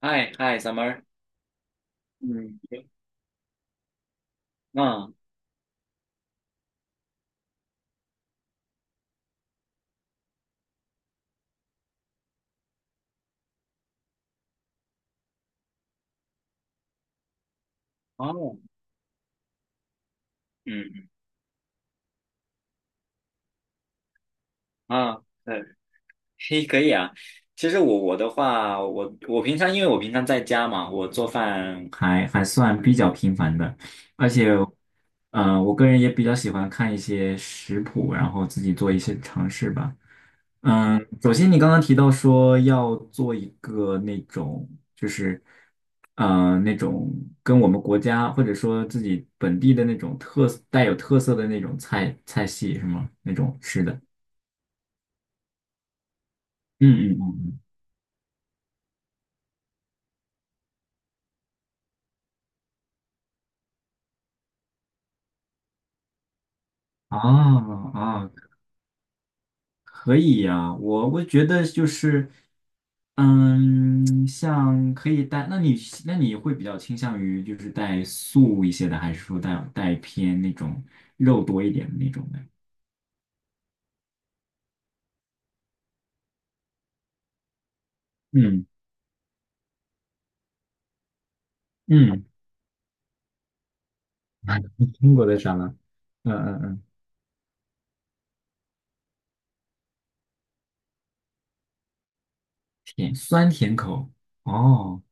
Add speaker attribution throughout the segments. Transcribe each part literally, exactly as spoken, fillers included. Speaker 1: 嗨嗨，summer，嗯，啊，哦，嗯啊，对。嘿，可以啊。其实我我的话，我我平常因为我平常在家嘛，我做饭还还算比较频繁的，而且，呃，我个人也比较喜欢看一些食谱，然后自己做一些尝试吧。嗯，首先你刚刚提到说要做一个那种，就是，呃，那种跟我们国家或者说自己本地的那种特带有特色的那种菜菜系是吗？那种吃的。嗯嗯嗯，啊啊。哦，可以呀，我我觉得就是，嗯，像可以带，那你那你会比较倾向于就是带素一些的，还是说带带偏那种肉多一点的那种的？嗯嗯，中国的啥呢？嗯嗯嗯，甜，酸甜口。哦。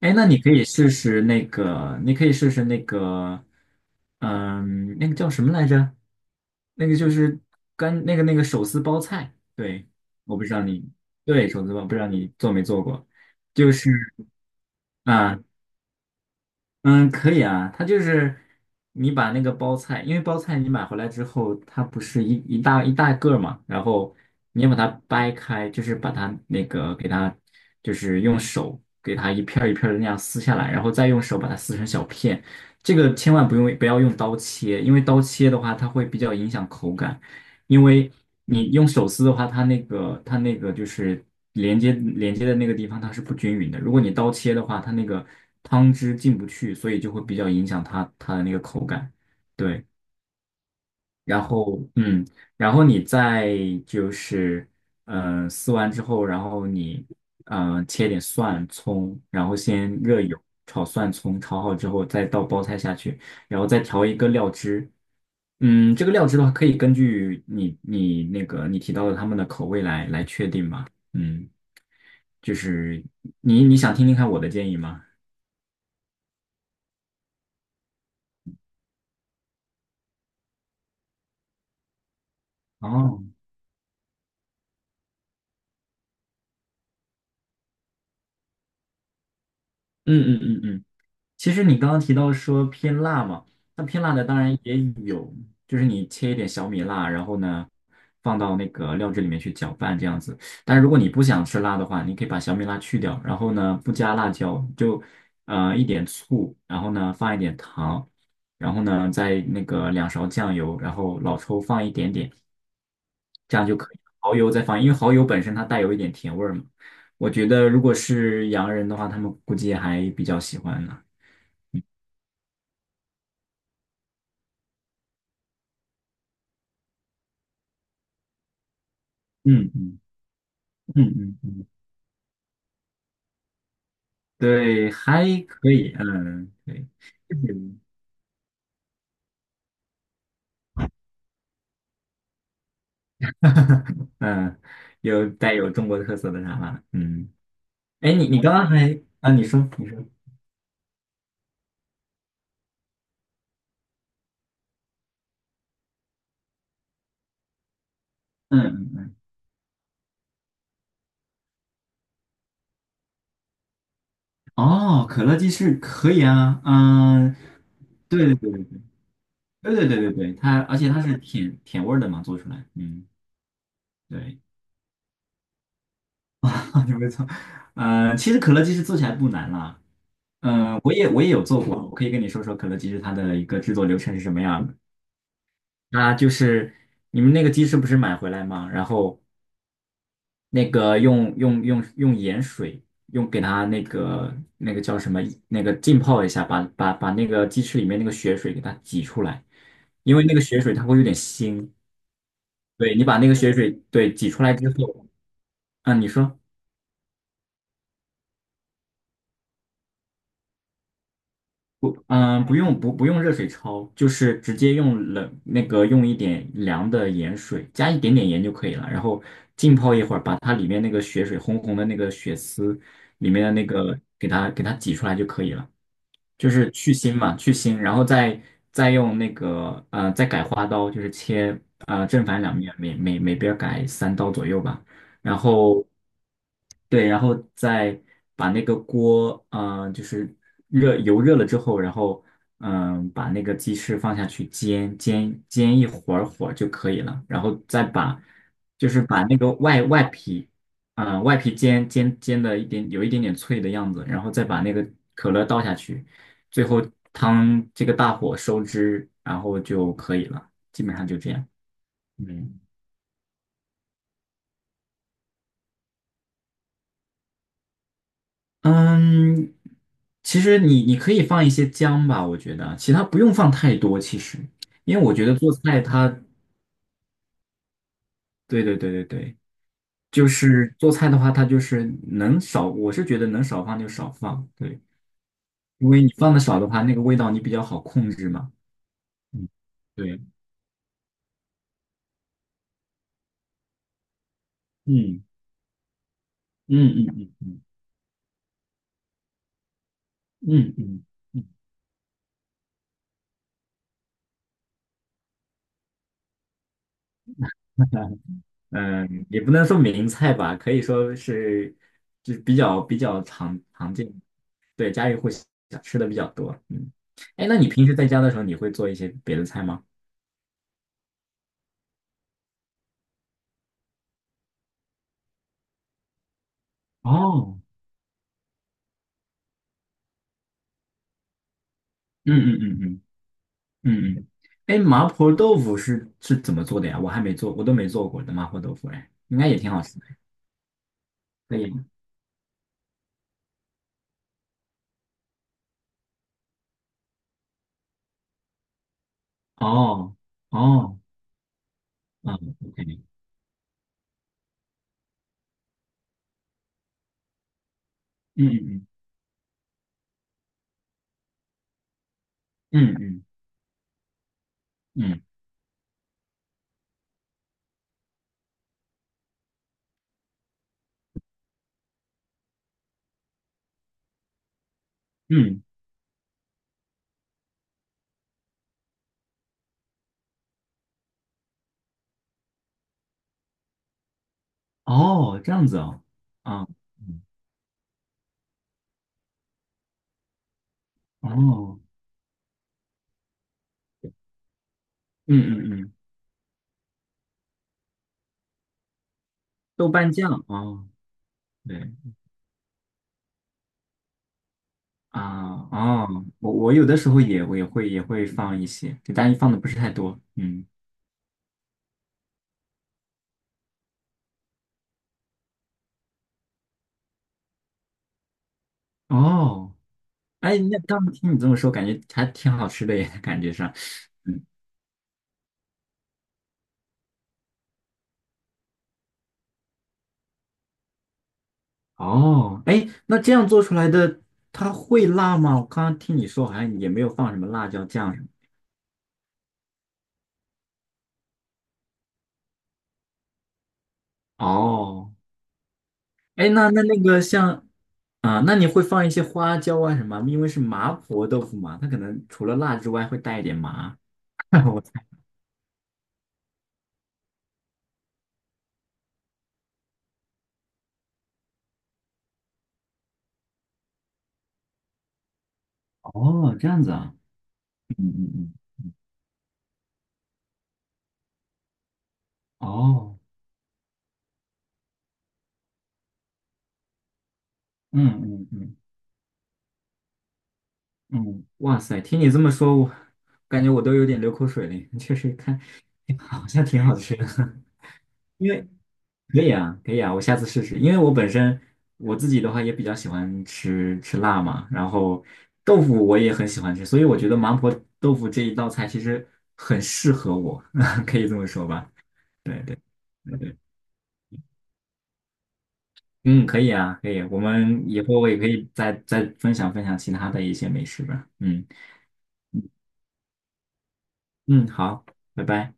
Speaker 1: 哎，那你可以试试那个，你可以试试那个，嗯，那个叫什么来着？那个就是干那个那个手撕包菜，对，我不知道你，对，手撕包，不知道你做没做过，就是啊，嗯，可以啊，它就是你把那个包菜，因为包菜你买回来之后，它不是一一大一大个儿嘛，然后你要把它掰开，就是把它那个给它，就是用手给它一片儿一片儿的那样撕下来，然后再用手把它撕成小片。这个千万不用不要用刀切，因为刀切的话，它会比较影响口感。因为你用手撕的话，它那个它那个就是连接连接的那个地方它是不均匀的。如果你刀切的话，它那个汤汁进不去，所以就会比较影响它它的那个口感。对，然后嗯，然后你再就是嗯、呃撕完之后，然后你嗯、呃切点蒜葱，然后先热油炒蒜葱，炒好之后再倒包菜下去，然后再调一个料汁，嗯，这个料汁的话，可以根据你你那个你提到的他们的口味来来确定嘛。嗯，就是你你想听听看我的建议吗？哦，嗯嗯嗯嗯。其实你刚刚提到说偏辣嘛，那偏辣的当然也有，就是你切一点小米辣，然后呢放到那个料汁里面去搅拌这样子。但是如果你不想吃辣的话，你可以把小米辣去掉，然后呢不加辣椒，就呃一点醋，然后呢放一点糖，然后呢再那个两勺酱油，然后老抽放一点点，这样就可以。蚝油再放，因为蚝油本身它带有一点甜味儿嘛。我觉得如果是洋人的话，他们估计还比较喜欢呢。嗯嗯。嗯嗯嗯，对，还可以，嗯，对，嗯，嗯，有带有中国特色的茶吧，嗯，哎，你你刚刚还啊，你说你说，嗯，嗯哦，可乐鸡翅可以啊，嗯，对对对对对对对对对对，它而且它是甜甜味儿的嘛，做出来，嗯，对，啊，没错，嗯，其实可乐鸡翅做起来不难啦，嗯，我也我也有做过，我可以跟你说说可乐鸡翅它的一个制作流程是什么样的。啊，就是你们那个鸡翅不是买回来吗？然后那个用用用用盐水，用给它那个那个叫什么，那个浸泡一下，把把把那个鸡翅里面那个血水给它挤出来，因为那个血水它会有点腥。对，你把那个血水对挤出来之后，啊，你说。不，嗯，不用不不用热水焯，就是直接用冷那个用一点凉的盐水，加一点点盐就可以了，然后浸泡一会儿，把它里面那个血水红红的那个血丝里面的那个给它给它挤出来就可以了，就是去腥嘛，去腥，然后再再用那个呃再改花刀，就是切呃正反两面，每每每边儿改三刀左右吧。然后对，然后再把那个锅，嗯、就是热油热了之后，然后嗯、把那个鸡翅放下去煎，煎煎一会儿会儿就可以了，然后再把就是把那个外外皮，嗯、外皮煎煎煎的一点有一点点脆的样子，然后再把那个可乐倒下去，最后汤这个大火收汁，然后就可以了，基本上就这样。嗯。嗯，其实你你可以放一些姜吧，我觉得其他不用放太多。其实，因为我觉得做菜它，对对对对对，就是做菜的话，它就是能少，我是觉得能少放就少放，对，因为你放的少的话，那个味道你比较好控制嘛。嗯，对，嗯嗯嗯嗯嗯嗯。嗯嗯，也不能说名菜吧，可以说是就比较比较常常见，对，家喻户晓，吃的比较多。嗯，哎，那你平时在家的时候，你会做一些别的菜吗？哦，嗯嗯嗯嗯嗯嗯，哎，麻婆豆腐是是怎么做的呀？我还没做，我都没做过的麻婆豆腐，哎，应该也挺好吃的，可以吗？哦哦，嗯，OK，嗯嗯嗯嗯嗯嗯嗯，哦，这样子哦，啊，嗯哦，嗯嗯嗯。豆瓣酱哦，对啊，哦，我我有的时候也我也会也会放一些，对，但是放的不是太多，嗯，哦，哎，那刚听你这么说，感觉还挺好吃的耶，感觉上，嗯，哦，哎，那这样做出来的它会辣吗？我刚刚听你说好像也没有放什么辣椒酱什么，哦，哎，那那那个像。啊，那你会放一些花椒啊什么？因为是麻婆豆腐嘛，它可能除了辣之外会带一点麻。我猜哦，这样子啊。嗯嗯嗯，哦，嗯嗯嗯嗯，哇塞，听你这么说，我感觉我都有点流口水了。确实看，好像挺好吃的，因为可以啊，可以啊，我下次试试。因为我本身我自己的话也比较喜欢吃吃辣嘛，然后豆腐我也很喜欢吃，所以我觉得麻婆豆腐这一道菜其实很适合我，可以这么说吧？对对对对，嗯，可以啊，可以，我们以后我也可以再再分享分享其他的一些美食吧，嗯。嗯，好，拜拜。